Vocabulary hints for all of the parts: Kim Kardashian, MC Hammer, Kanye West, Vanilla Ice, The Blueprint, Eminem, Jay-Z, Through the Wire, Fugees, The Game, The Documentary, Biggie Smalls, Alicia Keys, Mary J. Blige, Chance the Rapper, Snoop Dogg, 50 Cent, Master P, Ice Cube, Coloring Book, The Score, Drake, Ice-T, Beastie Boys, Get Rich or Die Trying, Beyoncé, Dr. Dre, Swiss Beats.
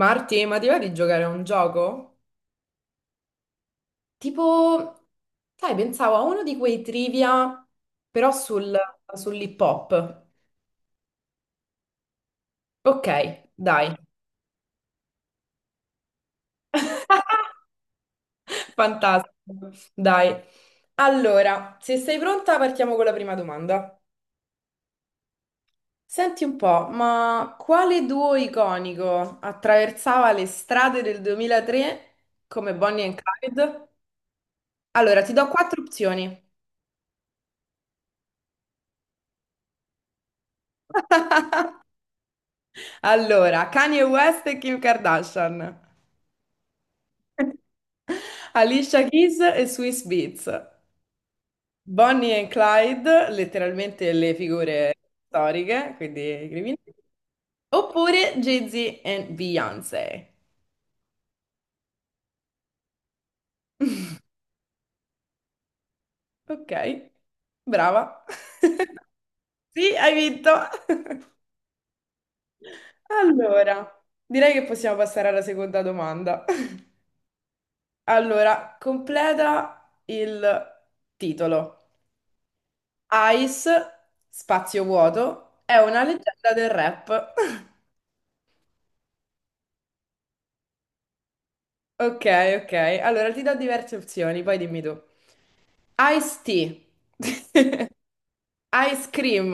Marti, ma ti va di giocare a un gioco? Tipo, sai, pensavo a uno di quei trivia, però sull'hip hop. Ok, dai. Fantastico. Dai. Allora, se sei pronta, partiamo con la prima domanda. Senti un po', ma quale duo iconico attraversava le strade del 2003 come Bonnie and Clyde? Allora, ti do quattro opzioni. Allora, Kanye West e Kim Kardashian. Alicia Keys e Swiss Beats. Bonnie e Clyde, letteralmente le figure storiche, quindi i criminali. Oppure Jay-Z e Beyoncé. Ok, brava. Sì, hai vinto. Allora, direi che possiamo passare alla seconda domanda. Allora, completa il titolo. Ice, spazio vuoto, è una leggenda del rap. Ok, ok. Allora ti do diverse opzioni, poi dimmi tu. Ice tea. Ice cream.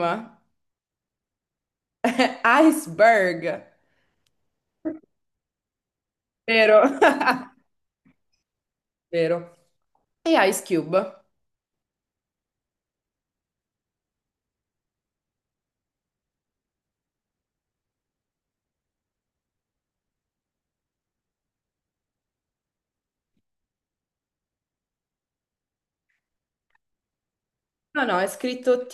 Iceberg. Vero. Vero. E Ice Cube? No, no, è scritto T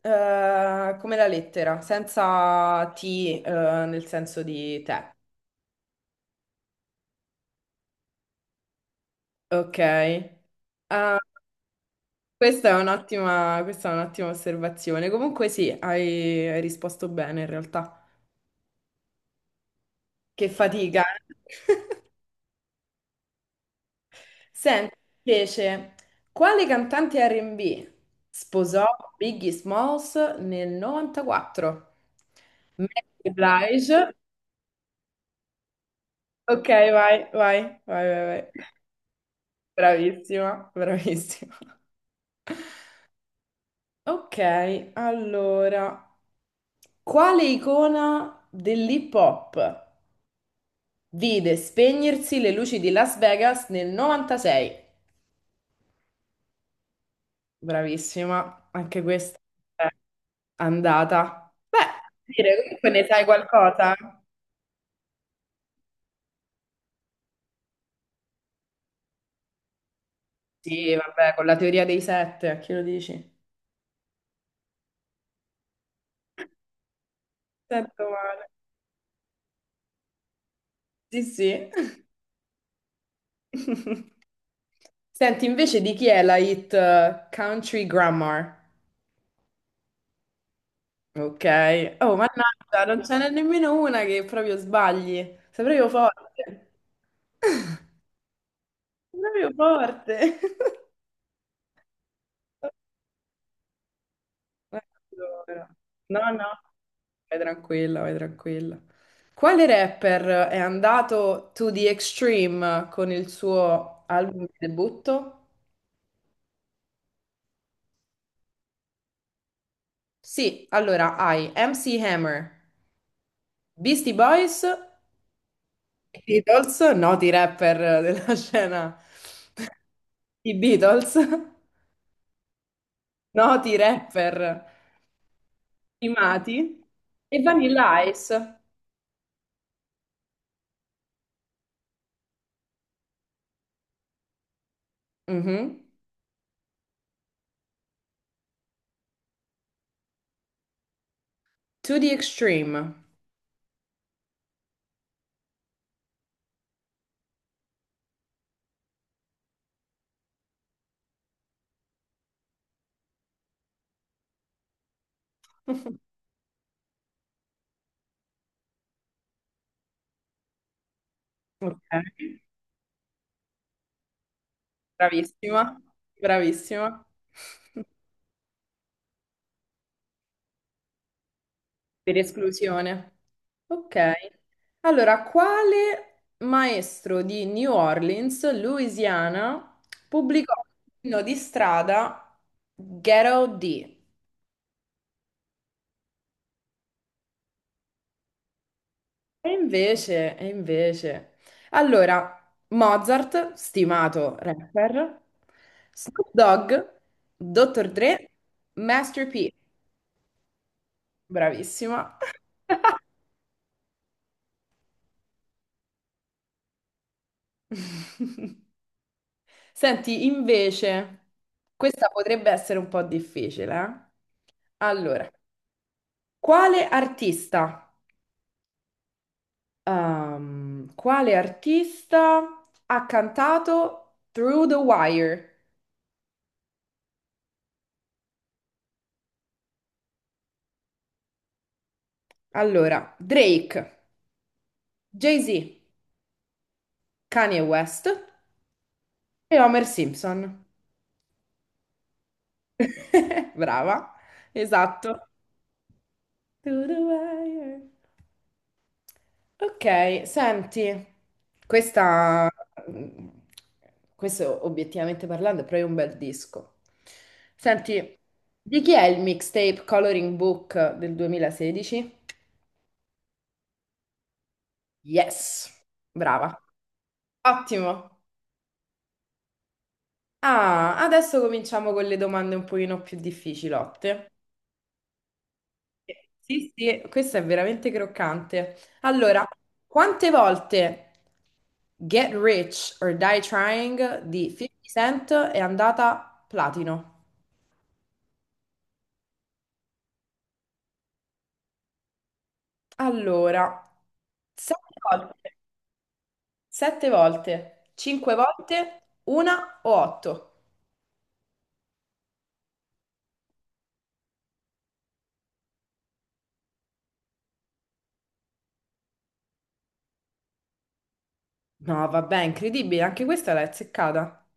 eh, come la lettera, senza T eh, nel senso di te. Ok. Ah, questa è un'ottima osservazione. Comunque sì, hai risposto bene in realtà. Che fatica. Eh? Senti, invece, quale cantante R&B sposò Biggie Smalls nel 94? Mary Blige. Ok, vai, vai, vai, vai, vai. Bravissima, bravissima. Ok, allora, quale icona dell'hip hop vide spegnersi le luci di Las Vegas nel 96? Bravissima, anche questa. Andata. Beh, dire, comunque ne sai qualcosa? Sì, vabbè, con la teoria dei sette, a chi lo dici? Sento male. Sì, sì. Senti, invece di chi è la hit, Country Grammar? Ok. Oh, mannaggia, non ce n'è nemmeno una che proprio sbagli. Sei proprio forte. Sei proprio forte. Eh, Allora. No, no, vai tranquilla, vai tranquilla. Quale rapper è andato to the extreme con il suo album di debutto? Sì, allora hai MC Hammer, Beastie Boys e Beatles, noti rapper della scena. I Beatles, noti rapper primati e Vanilla Ice. Mhm. To the extreme. Ok. Bravissima, bravissima. Per esclusione. Ok. Allora, quale maestro di New Orleans, Louisiana, pubblicò l'inno di strada Ghetto D? E invece, e invece. Allora, Mozart, stimato rapper, Snoop Dogg, Dr. Dre, Master P. Bravissima. Senti, invece, questa potrebbe essere un po' difficile, eh? Allora, quale artista, quale artista ha cantato Through the Wire? Allora, Drake, Jay-Z, Kanye West e Homer Simpson. Brava, esatto. Through the Wire. Ok, senti, questa, questo obiettivamente parlando è proprio un bel disco. Senti, di chi è il mixtape Coloring Book del 2016? Yes, brava, ottimo. Ah, adesso cominciamo con le domande un pochino più difficilotte. Sì, sì, questo è veramente croccante. Allora, quante volte Get Rich or Die Trying di 50 Cent è andata platino? Allora, sette volte, sette volte, cinque volte, una o otto? No, vabbè, incredibile, anche questa l'hai azzeccata.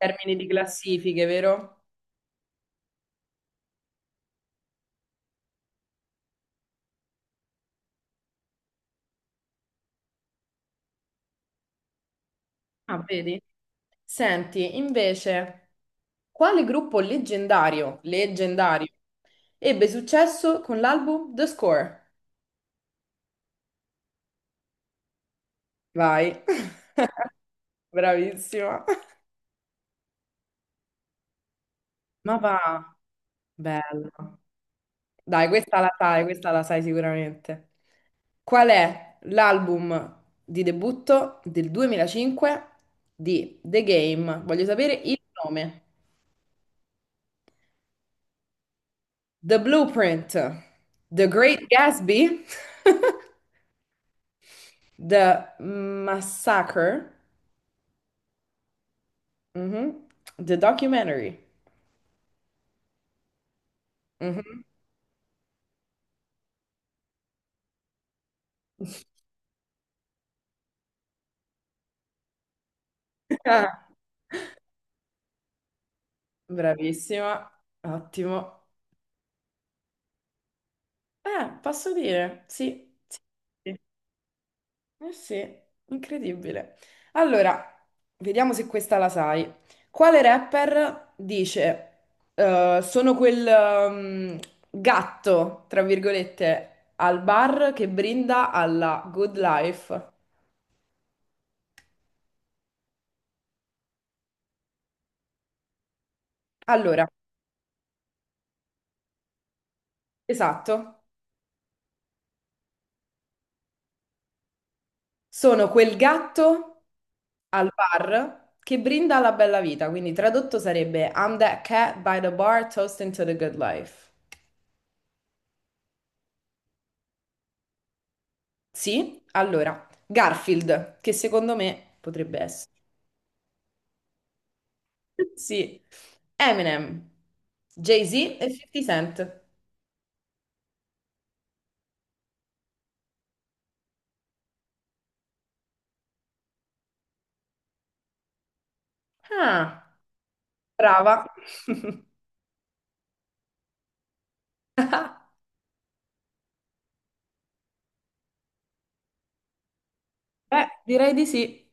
Termini di classifiche, vero? Ah, vedi? Senti, invece, quale gruppo leggendario, leggendario, ebbe successo con l'album The Score? Vai, bravissima. Ma va, bello. Dai, questa la sai sicuramente. Qual è l'album di debutto del 2005 di The Game? Voglio sapere il nome. The Blueprint, The Great Gatsby. The Massacre, mhm, The Documentary. Mhm. Ah, Bravissima, ottimo. Posso dire, sì, sì, sì. Eh sì, incredibile. Allora, vediamo se questa la sai. Quale rapper dice, sono quel gatto, tra virgolette, al bar che brinda alla good life? Allora, esatto. Sono quel gatto al bar che brinda alla bella vita, quindi tradotto sarebbe I'm that cat by the bar toasting to the good life. Sì? Allora, Garfield, che secondo me potrebbe essere. Sì. Eminem, Jay-Z e 50 Cent. Ah, brava. Beh, direi di sì.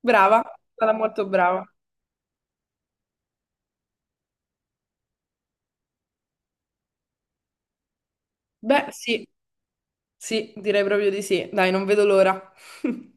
Brava, sarà molto brava. Beh, sì, sì, direi proprio di sì. Dai, non vedo l'ora.